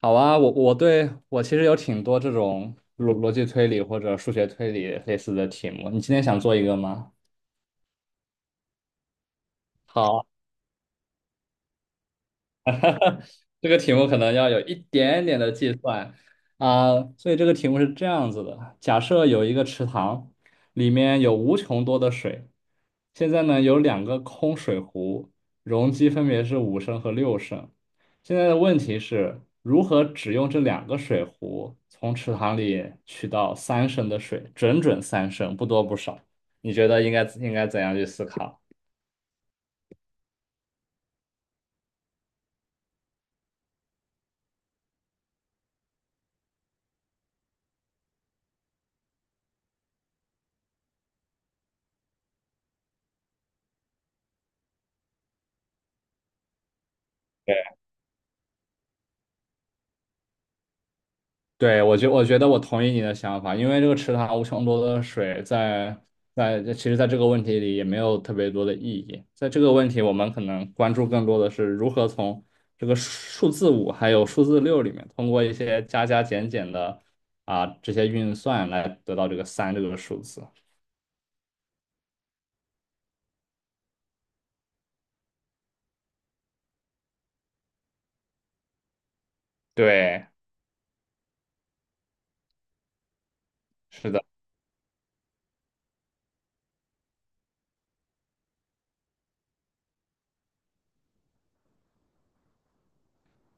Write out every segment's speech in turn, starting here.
好啊，我对我其实有挺多这种逻辑推理或者数学推理类似的题目，你今天想做一个吗？好。这个题目可能要有一点点的计算啊，所以这个题目是这样子的：假设有一个池塘，里面有无穷多的水，现在呢有两个空水壶，容积分别是五升和六升。现在的问题是如何只用这两个水壶从池塘里取到三升的水，整整三升，不多不少。你觉得应该怎样去思考？对，我觉得我同意你的想法，因为这个池塘无穷多的水其实在这个问题里也没有特别多的意义。在这个问题，我们可能关注更多的是如何从这个数字五还有数字六里面，通过一些加加减减的这些运算来得到这个三这个数字。对，是的。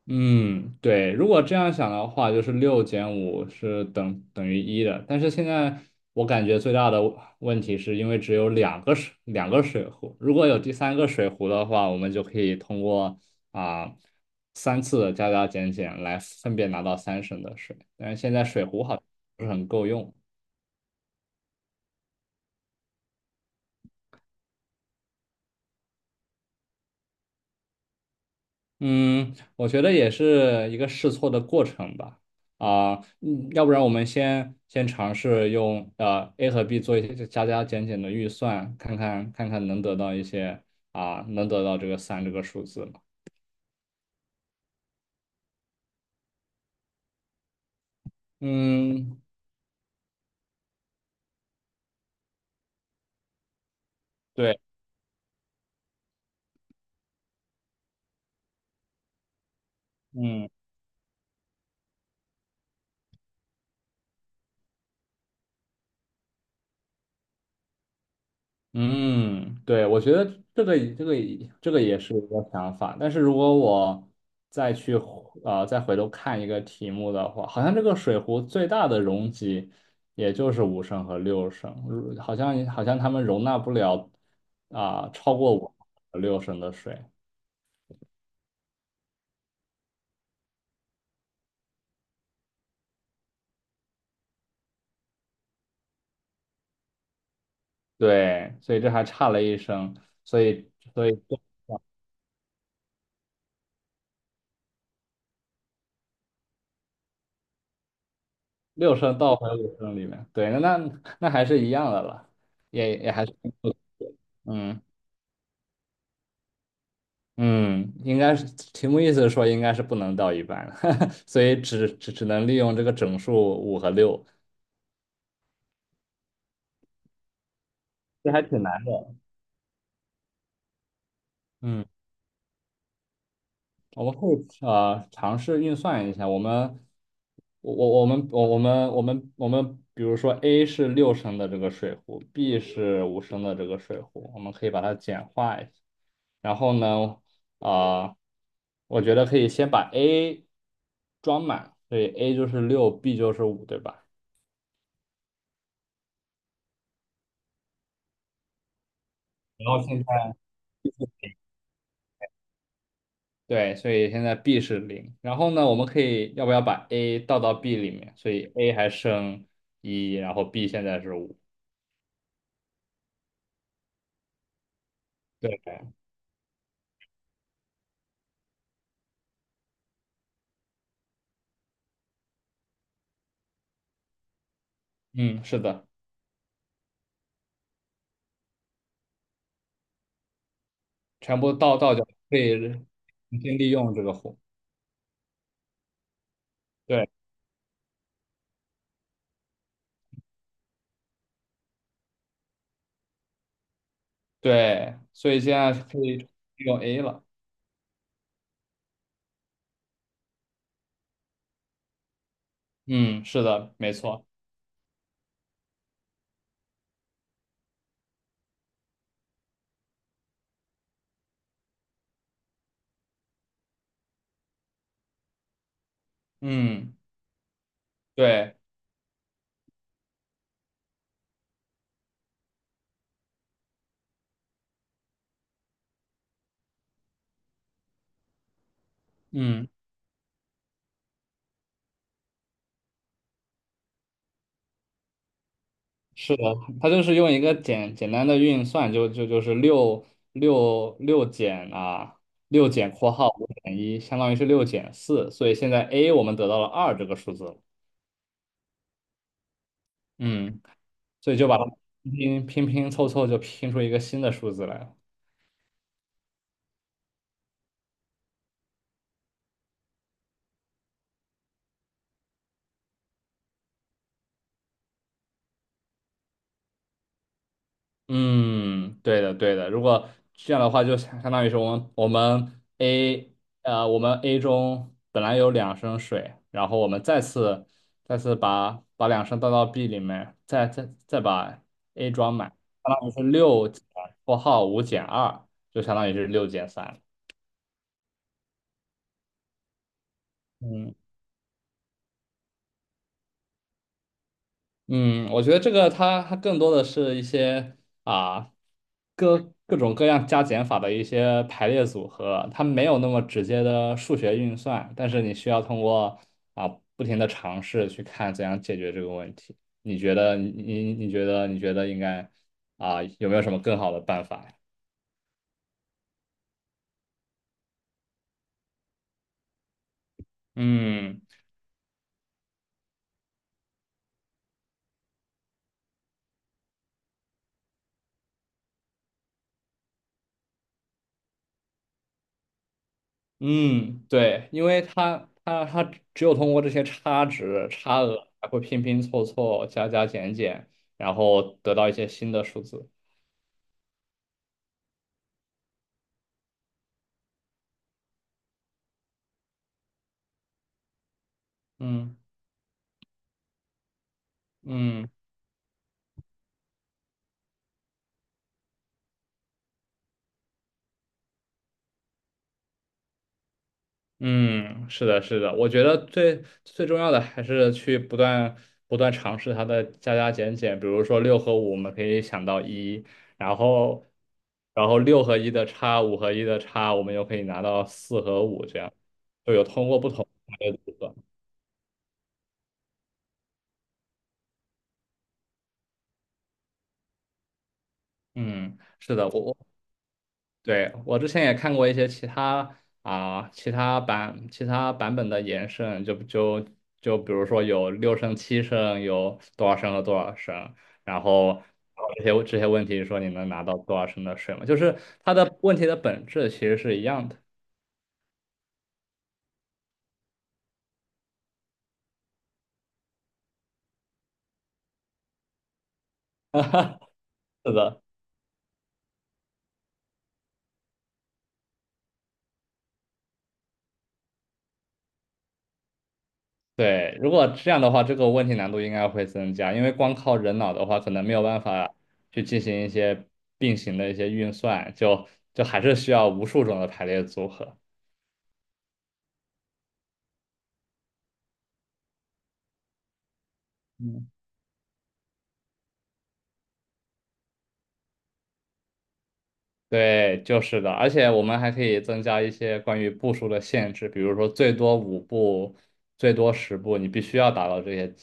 嗯，对，如果这样想的话，就是六减五是等于一的。但是现在我感觉最大的问题是因为只有两个水壶，如果有第三个水壶的话，我们就可以通过啊、3次的加加减减来分别拿到三升的水。但是现在水壶好像不是很够用。嗯，我觉得也是一个试错的过程吧。啊、要不然我们先尝试用A 和 B 做一些加加减减的预算，看看能得到一些,能得到这个三这个数字吗？嗯，对，嗯。嗯，对，我觉得这个这个这个也是一个想法，但是如果我再去再回头看一个题目的话，好像这个水壶最大的容积也就是五升和六升，如好像好像他们容纳不了超过五和六升的水，对，所以这还差了1升，所以所以六升倒回五升里面，对，那还是一样的了，也还是嗯。嗯，应该是题目意思是说应该是不能到一半，所以只能利用这个整数五和六，这还挺难的。嗯，我们可以尝试运算一下，我们，比如说 A 是六升的这个水壶，B 是五升的这个水壶，我们可以把它简化一下。然后呢，啊、我觉得可以先把 A 装满，所以 A 就是六，B 就是五，对吧？然后现对，所以现在 B 是零。然后呢，我们可以要不要把 A 倒到 B 里面？所以 A 还剩一，然后 B 现在是五。对，嗯，是的，全部倒掉，可以重新利用这个弧。对对，所以现在可以利用 A 了。嗯，是的，没错。嗯，对，嗯。是的，它就是用一个简单的运算，就是六减,六减括号五减一，相当于是六减四，所以现在 a 我们得到了二这个数字了，嗯，所以就把它拼拼凑凑就拼出一个新的数字来了。嗯，对的，对的。如果这样的话，就相当于是我们 A ,我们 A 中本来有2升水，然后我们再次把两升倒到 B 里面，再把 A 装满，相当于是六减括号五减二，就相当于是六减三。嗯嗯，我觉得这个它更多的是一些啊各种各样加减法的一些排列组合，它没有那么直接的数学运算，但是你需要通过啊不停的尝试去看怎样解决这个问题。你觉得应该有没有什么更好的办法呀？嗯。嗯，对，因为它只有通过这些差值、差额，才会拼拼凑凑、加加减减，然后得到一些新的数字。嗯嗯嗯，是的，是的，我觉得最最重要的还是去不断不断尝试它的加加减减，比如说六和五，我们可以想到一，然后然后六和一的差，五和一的差，我们又可以拿到四和五，这样就有通过不同的组合。嗯，是的，我对，我之前也看过一些其他版本的延伸，就比如说有六升、7升，有多少升和多少升，然后这些问题说你能拿到多少升的水吗？就是它的问题的本质其实是一样的。是的。对，如果这样的话，这个问题难度应该会增加，因为光靠人脑的话，可能没有办法去进行一些并行的一些运算，就还是需要无数种的排列组合。嗯对，就是的，而且我们还可以增加一些关于步数的限制，比如说最多5步，最多10步，你必须要达到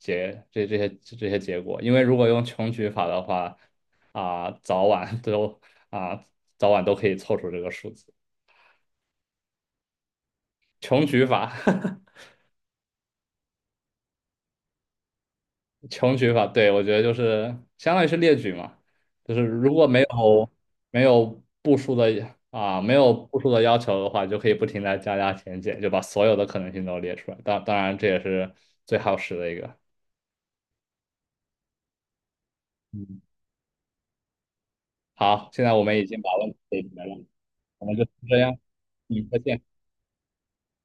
结这这些这些结果，因为如果用穷举法的话，啊、早晚都啊、早晚都可以凑出这个数字，穷举法。穷举法，对，我觉得就是相当于是列举嘛，就是如果没有没有步数的啊，没有步数的要求的话，就可以不停的加加减减，就把所有的可能性都列出来。当然，这也是最耗时的一个。嗯，好，现在我们已经把问题解决了，我们就这样，嗯，再见。